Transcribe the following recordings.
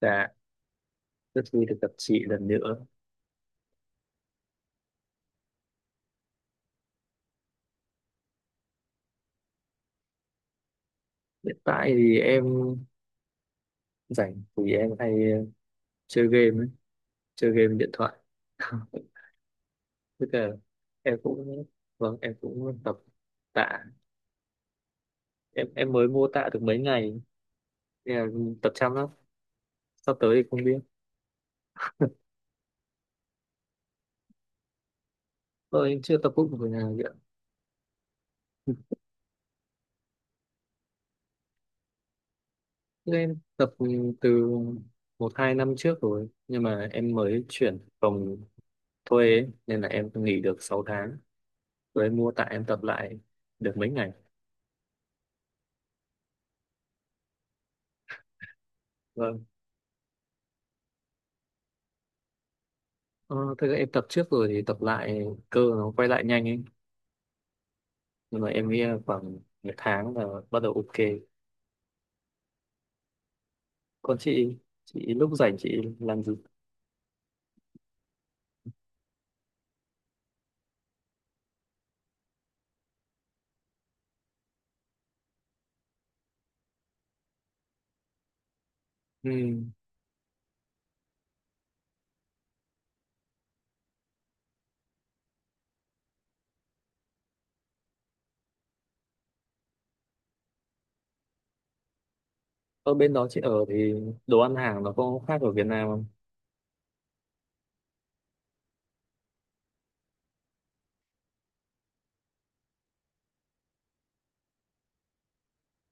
Dạ, rất vui được gặp chị lần nữa. Hiện tại thì em rảnh thì em hay chơi game, ấy, chơi game điện thoại. Tức là em cũng, vâng, em cũng tập tạ. Em mới mua tạ được mấy ngày, nên là tập chăm lắm. Sắp tới thì không biết. Em chưa tập bụng của nhà vậy. Em tập từ 1-2 năm trước rồi, nhưng mà em mới chuyển phòng thuê ấy, nên là em nghỉ được 6 tháng. Rồi em mua tạ em tập lại được mấy ngày. Vâng. Ờ, thực ra em tập trước rồi thì tập lại cơ nó quay lại nhanh ấy. Nhưng mà em nghĩ là khoảng 1 tháng là bắt đầu ok. Còn chị lúc rảnh chị làm gì? Ừ. Ở bên đó chị ở thì đồ ăn hàng nó có khác ở Việt Nam không?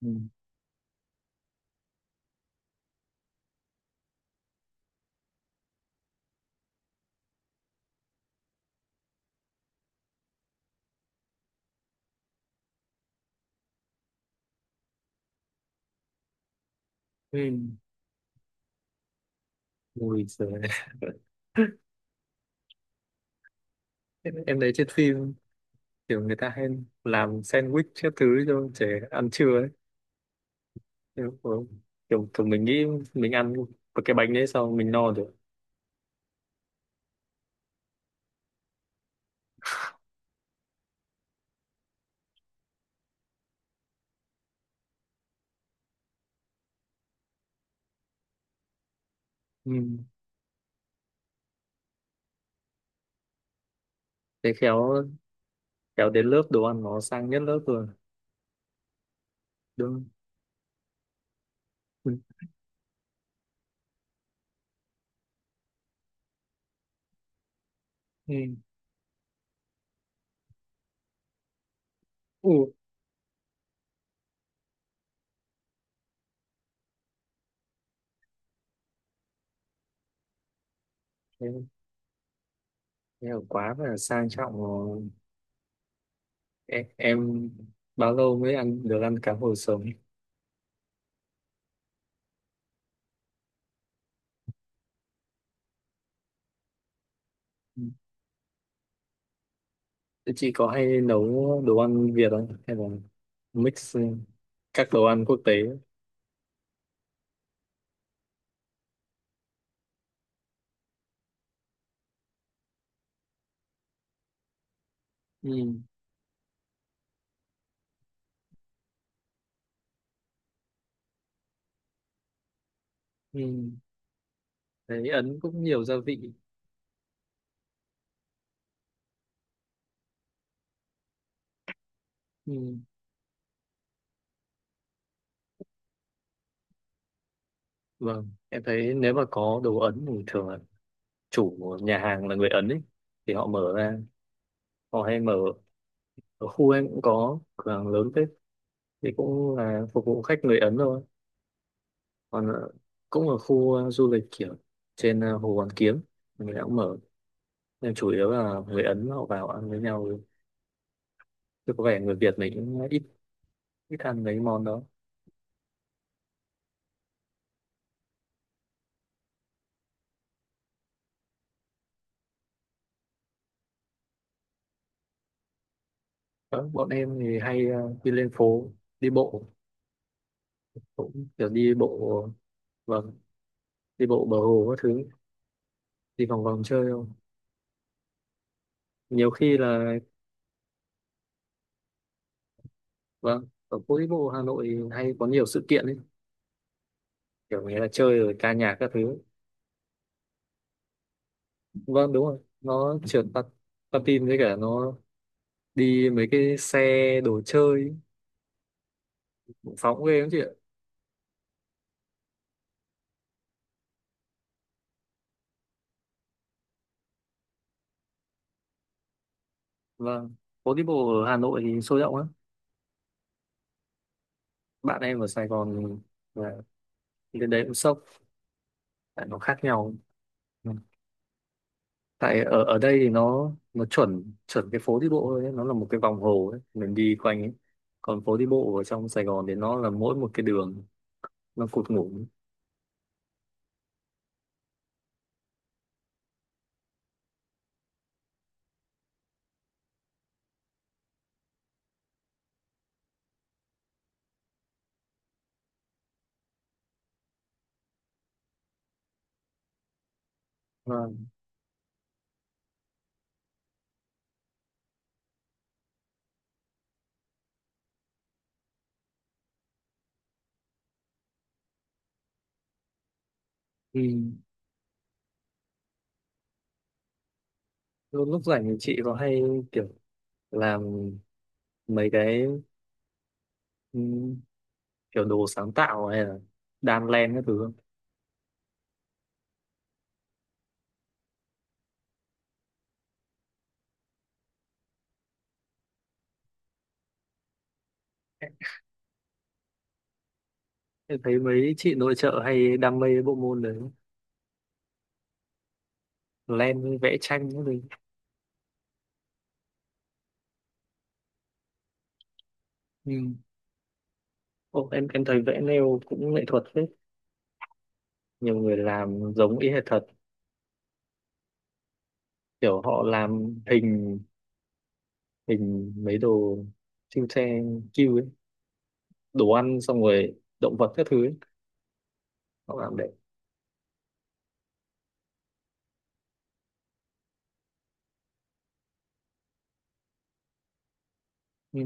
Ừ. Ừ. Ui giời. Em thấy trên phim kiểu người ta hay làm sandwich các thứ cho trẻ ăn trưa ấy. Em cũng- kiểu mình nghĩ mình ăn một cái bánh đấy xong mình no được. Ừ. Thế khéo khéo đến lớp đồ ăn nó sang nhất lớp rồi. Đúng. Ừ. Ừ. Ừ. Thế, thế là quá là sang trọng rồi. Em bao lâu mới ăn được ăn cá hồi sống? Ừ. Thế chị có hay nấu đồ ăn Việt không? Hay là mix các đồ ăn quốc tế? Ừ. Ừ. Thấy Ấn cũng nhiều gia vị. Ừ. Vâng, em thấy nếu mà có đồ Ấn thì thường là chủ của nhà hàng là người Ấn ấy. Thì họ mở ra, họ hay mở ở khu em cũng có cửa hàng lớn thế thì cũng là phục vụ khách người Ấn thôi. Còn cũng ở khu du lịch kiểu trên Hồ Hoàn Kiếm mình ta cũng mở, nhưng chủ yếu là người Ấn họ vào ăn với nhau, chứ có vẻ người Việt mình cũng ít ít ăn mấy món đó. Đó, bọn em thì hay đi lên phố đi bộ, cũng kiểu đi bộ. Vâng, đi bộ bờ hồ các thứ, đi vòng vòng chơi không, nhiều khi là vâng ở phố đi bộ Hà Nội thì hay có nhiều sự kiện ấy, kiểu người ta chơi rồi ca nhạc các thứ. Vâng, đúng rồi, nó trượt patin với cả nó đi mấy cái xe đồ chơi phóng ghê lắm chị ạ. Vâng, phố đi bộ ở Hà Nội thì sôi động lắm. Bạn em ở Sài Gòn là lên đấy cũng sốc, tại nó khác nhau. Ừ. Tại ở ở đây thì nó chuẩn chuẩn cái phố đi bộ thôi ấy. Nó là một cái vòng hồ ấy. Mình đi quanh ấy. Còn phố đi bộ ở trong Sài Gòn thì nó là mỗi một cái đường, nó cụt ngủn. Vâng. Ừ. lúc lúc rảnh thì chị có hay kiểu làm mấy cái ừ, kiểu đồ sáng tạo hay là đan len các thứ không? Em thấy mấy chị nội trợ hay đam mê bộ môn đấy, len vẽ tranh cái gì. nhưng em thấy vẽ nail cũng nghệ thuật phết, nhiều người làm giống y hệt thật, kiểu họ làm hình hình mấy đồ siêu xe kêu ấy, đồ ăn xong rồi động vật các thứ ấy. Họ làm đẹp. Ừ.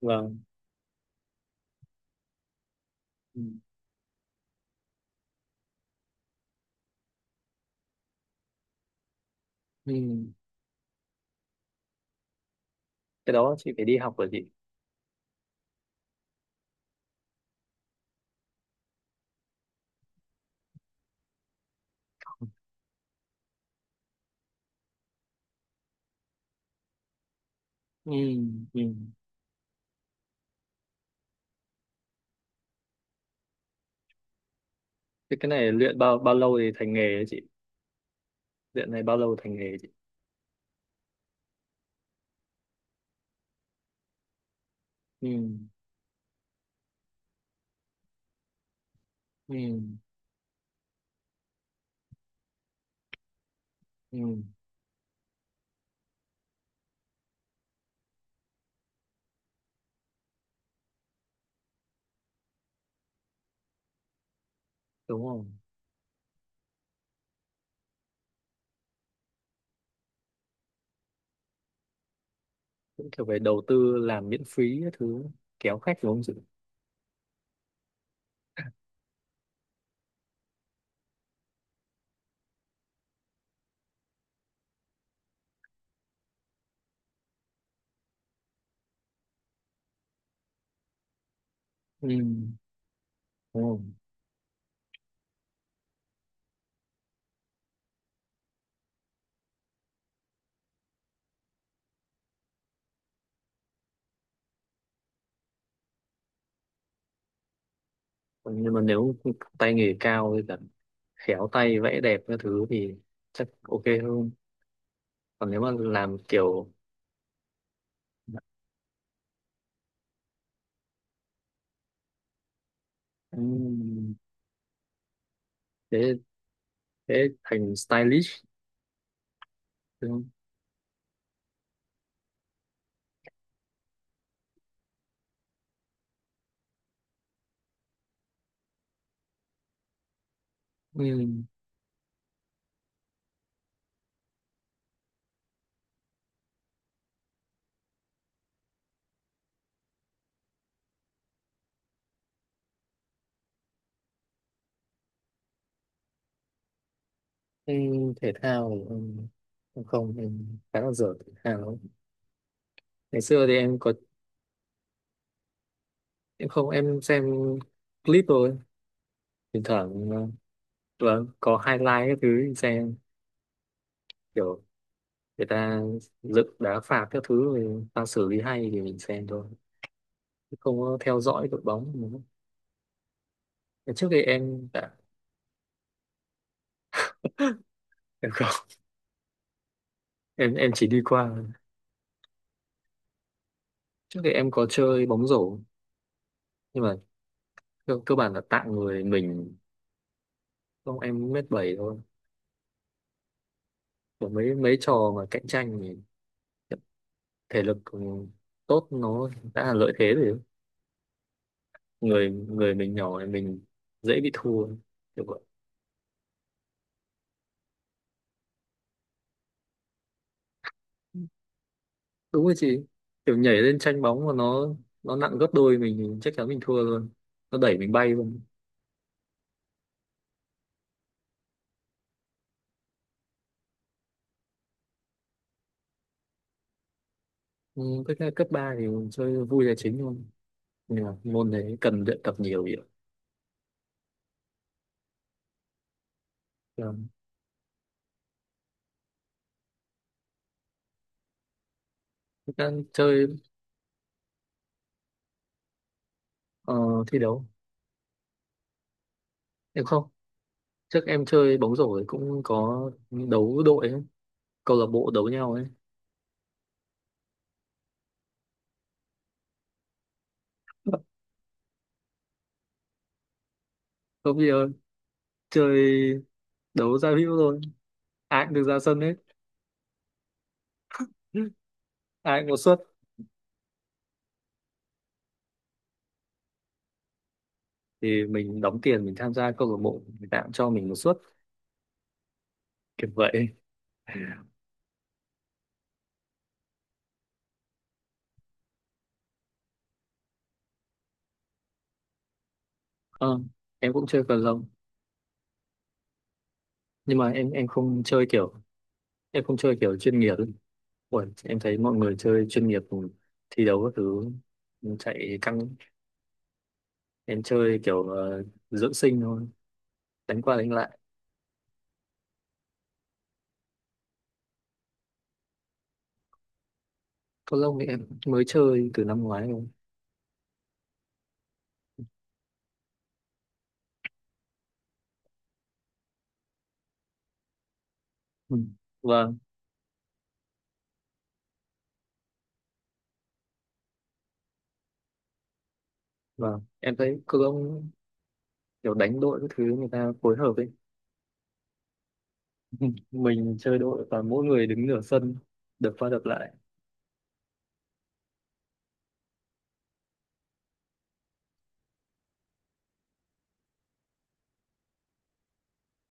Vâng. Ừ. Ừ. Cái đó chị phải đi học rồi chị. Ừ. Ừ. Thế cái này luyện bao bao lâu thì thành nghề ấy chị? Luyện này bao lâu thành nghề chị? Ừ. Ừ. Ừ. Đúng rồi. Cũng kiểu về đầu tư làm miễn phí các thứ kéo khách đúng không chị? Ừ, đúng không? Nhưng mà nếu tay nghề cao với cả khéo tay vẽ đẹp các thứ thì chắc ok hơn. Còn nếu mà làm kiểu ừ, thế thế thành stylish đúng không? Ừ, ừ, thể thao thì em không em khá là dở thể thao. Ngày xưa thì em có em không em xem clip thôi. Thỉnh thoảng vâng, có highlight các thứ thì xem, kiểu người ta dựng đá phạt các thứ người ta xử lý hay thì mình xem thôi, chứ không có theo dõi đội bóng. Trước đây em đã em không em chỉ đi qua. Trước đây em có chơi bóng rổ nhưng mà cơ bản là tạng người mình. Không, em 1m7 thôi. Còn mấy mấy trò mà cạnh tranh thì thể lực tốt nó đã là lợi thế rồi, người người mình nhỏ thì mình dễ bị thua kiểu vậy. Đúng rồi chị, kiểu nhảy lên tranh bóng mà nó nặng gấp đôi mình thì chắc chắn mình thua luôn, nó đẩy mình bay luôn. Ừ, với cấp 3 thì chơi vui là chính thôi nhưng mà môn đấy cần luyện tập nhiều vậy. Dạ. Thực chơi ờ, thi đấu em không, trước em chơi bóng rổ ấy cũng có đấu đội ấy, câu lạc bộ đấu nhau ấy. Không bây giờ chơi đấu giao hữu thôi, ai cũng được ra sân hết, ai cũng có suất thì mình đóng tiền mình tham gia câu lạc bộ người ta cũng cho mình một suất kiểu vậy. Ờ, em cũng chơi cầu lông nhưng mà em không chơi kiểu chuyên nghiệp ấy. Ủa, em thấy mọi người chơi chuyên nghiệp thì thi đấu các thứ chạy căng. Em chơi kiểu dưỡng sinh thôi, đánh qua đánh lại. Cầu lông thì em mới chơi từ năm ngoái thôi. Ừ. Vâng, vâng, em thấy cầu lông kiểu đánh đội các thứ người ta phối hợp ấy. Mình chơi đội và mỗi người đứng nửa sân đập qua đập lại